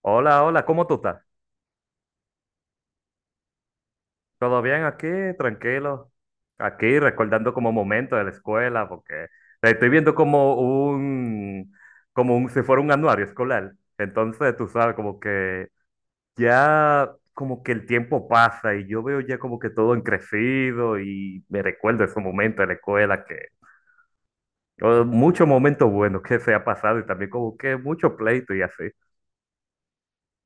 Hola, hola, ¿cómo tú estás? ¿Todo bien aquí? Tranquilo. Aquí recordando como momentos de la escuela, porque estoy viendo como un, si fuera un anuario escolar. Entonces, tú sabes, como que ya, como que el tiempo pasa y yo veo ya como que todo en crecido y me recuerdo esos momentos de la escuela que, muchos momentos buenos que se ha pasado y también como que mucho pleito y así.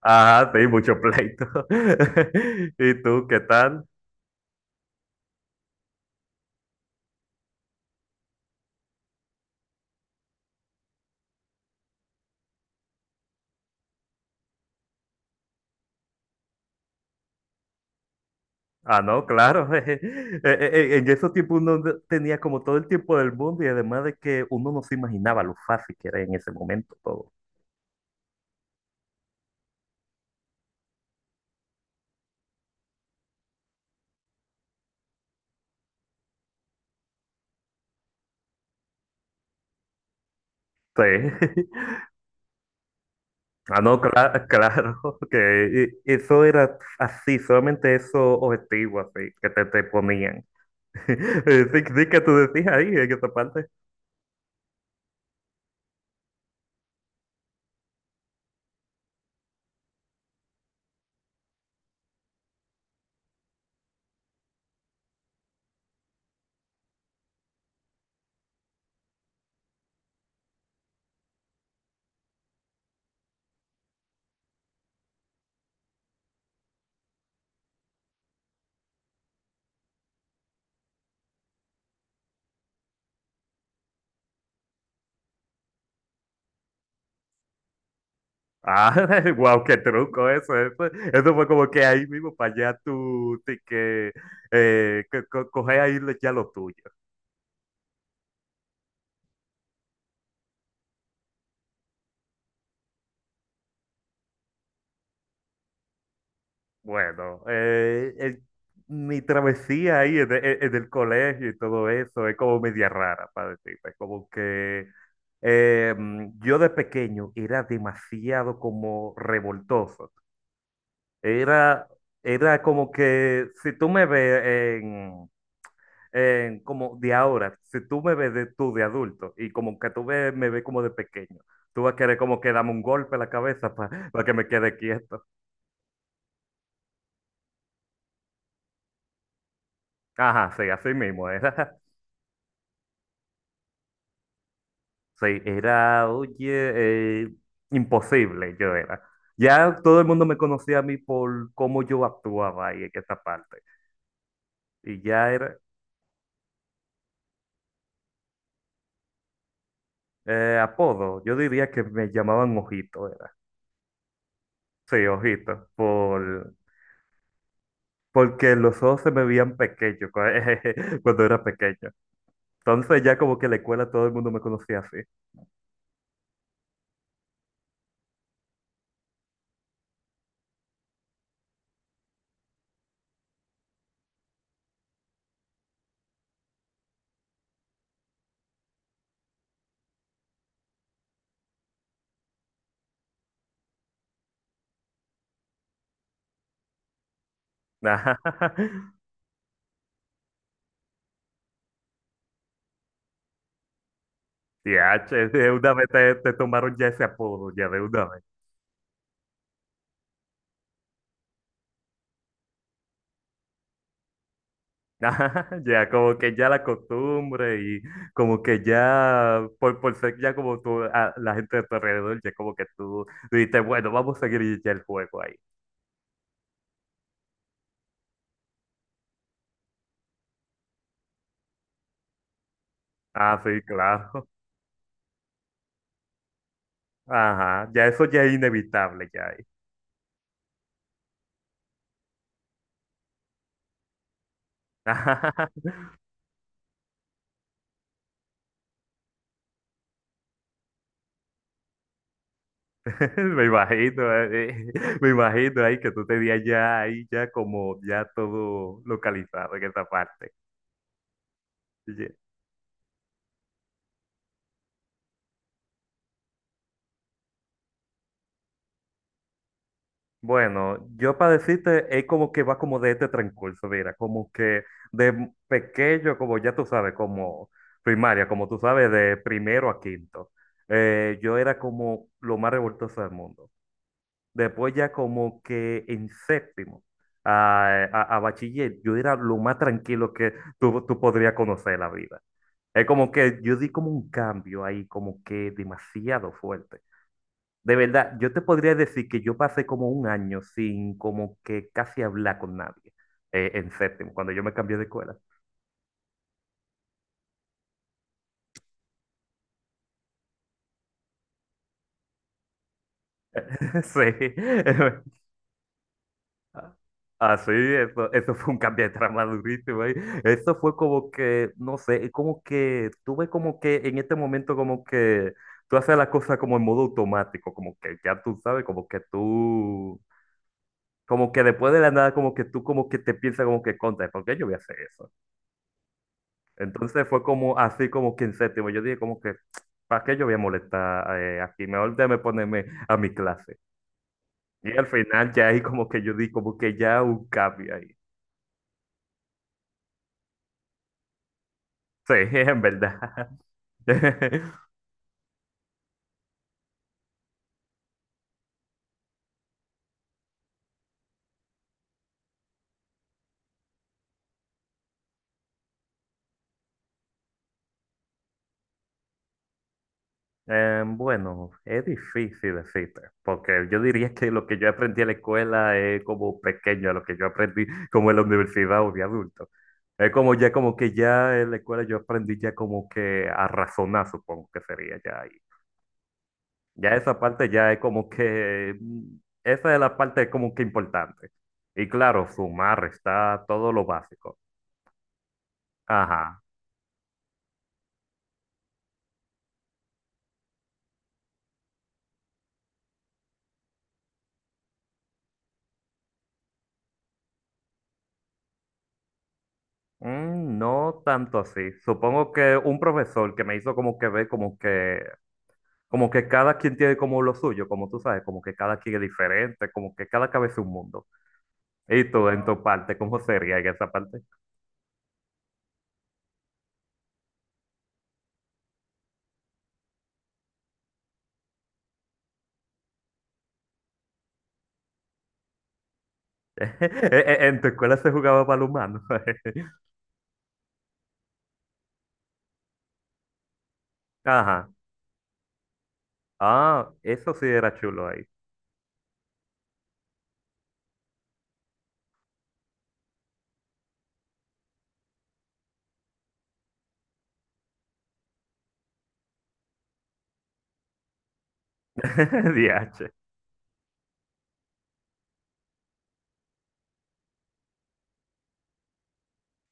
Ajá, sí, mucho pleito. ¿Y tú qué tal? Ah, no, claro. En esos tiempos uno no- tenía como todo el tiempo del mundo y además de que uno no se imaginaba lo fácil que era en ese momento todo. Sí. Ah, no, claro, que eso era así, solamente esos objetivos así que te ponían. Sí, sí que tú decías ahí en esa parte. Ah, wow, qué truco eso, eso. Eso fue como que ahí mismo para allá tú, sí que coger ahí ya lo tuyo. Bueno, mi travesía ahí en el colegio y todo eso es como media rara, para decirte. Es como que yo de pequeño era demasiado como revoltoso. Era, era como que si tú me ves en, en como de ahora, si tú me ves de, tú de adulto y como que tú me ves como de pequeño, tú vas a querer como que dame un golpe en la cabeza para que me quede quieto. Ajá, sí, así mismo era. Sí, era, oye, eh, imposible yo era. Ya todo el mundo me conocía a mí por cómo yo actuaba ahí en esa parte. Y ya era apodo, yo diría que me llamaban Ojito, era. Sí, Ojito, porque los ojos se me veían pequeños cuando era pequeño. Entonces ya como que en la escuela todo el mundo me conocía así. Ajá. Y H, de una vez te tomaron ya ese apodo, ya de una. Ajá, ya, como que ya la costumbre y como que ya, por ser ya como tú, la gente de tu alrededor, ya como que tú dices, bueno, vamos a seguir ya el juego ahí. Ah, sí, claro. Ajá, ya eso ya es inevitable ya ahí. Ajá, me imagino ahí que tú tenías ya ahí ya como ya todo localizado en esa parte. Bueno, yo para decirte, es como que va como de este transcurso, mira, como que de pequeño, como ya tú sabes, como primaria, como tú sabes, de primero a quinto, yo era como lo más revoltoso del mundo. Después ya como que en séptimo a bachiller, yo era lo más tranquilo que tú podrías conocer en la vida. Es como que yo di como un cambio ahí, como que demasiado fuerte. De verdad, yo te podría decir que yo pasé como un año sin como que casi hablar con nadie en séptimo, cuando yo me cambié de escuela. Sí. Ah sí, eso fue un cambio de trama durísimo ahí. Eso fue como que, no sé, es como que tuve como que en este momento como que tú haces las cosas como en modo automático, como que ya tú sabes, como que tú, como que después de la nada, como que tú como que te piensas como que contra, ¿por qué yo voy a hacer eso? Entonces fue como así como que en séptimo. Yo dije como que, ¿para qué yo voy a molestar aquí? Mejor déjame ponerme a mi clase. Y al final ya ahí como que yo di como que ya un cambio ahí. Sí, en verdad. Bueno, es difícil decirte, porque yo diría que lo que yo aprendí en la escuela es como pequeño a lo que yo aprendí como en la universidad o de adulto. Es como ya como que ya en la escuela yo aprendí ya como que a razonar, supongo que sería ya ahí. Ya esa parte ya es como que, esa es la parte como que importante. Y claro, sumar está todo lo básico. Ajá. Mm, no tanto así. Supongo que un profesor que me hizo como que ver como que cada quien tiene como lo suyo, como tú sabes, como que cada quien es diferente, como que cada cabeza es un mundo. ¿Y tú en tu parte, cómo sería en esa parte? ¿En en tu escuela se jugaba balonmano? Ajá. Ah, eso sí era chulo ahí. DH.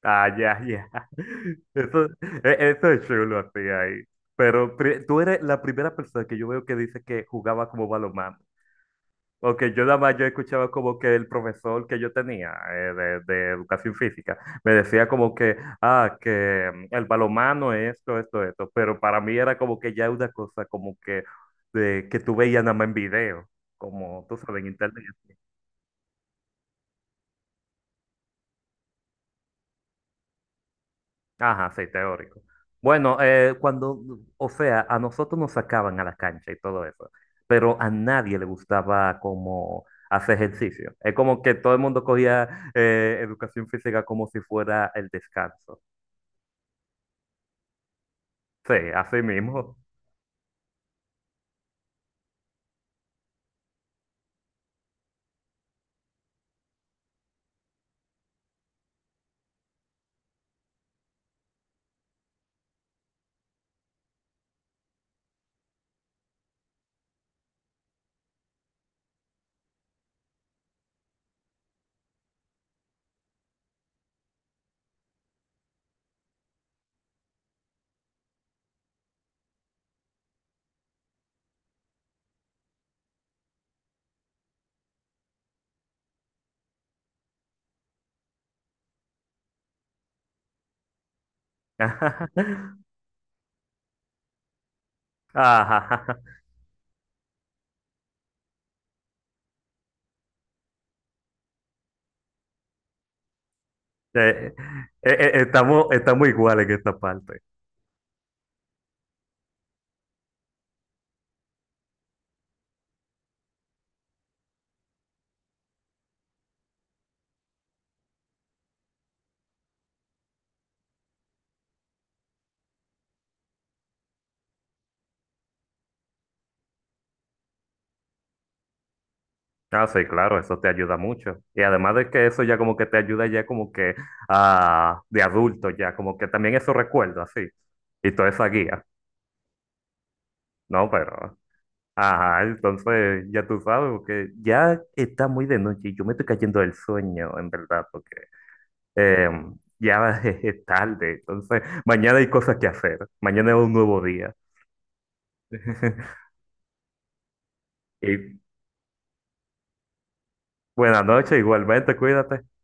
Ah, ya, ya. Eso, eso es chulo así ahí. Pero tú eres la primera persona que yo veo que dice que jugaba como balonmano. Porque yo nada más yo escuchaba como que el profesor que yo tenía de educación física me decía como que, ah, que el balonmano es esto, esto, esto. Pero para mí era como que ya una cosa como que, de, que tú veías nada más en video, como tú sabes, en internet. Ajá, sí, teórico. Bueno, o sea, a nosotros nos sacaban a la cancha y todo eso, pero a nadie le gustaba como hacer ejercicio. Es como que todo el mundo cogía educación física como si fuera el descanso. Sí, así mismo. Ajá. Eh, eh, estamos iguales en esta parte. Ah, sí, claro, eso te ayuda mucho. Y además de que eso ya como que te ayuda ya como que a de adulto ya, como que también eso recuerdo así. Y toda esa guía, ¿no? Pero, ajá, entonces ya tú sabes, porque ya está muy de noche y yo me estoy cayendo del sueño, en verdad, porque eh, ya es tarde. Entonces, mañana hay cosas que hacer. Mañana es un nuevo día. Y buenas noches, igualmente, cuídate.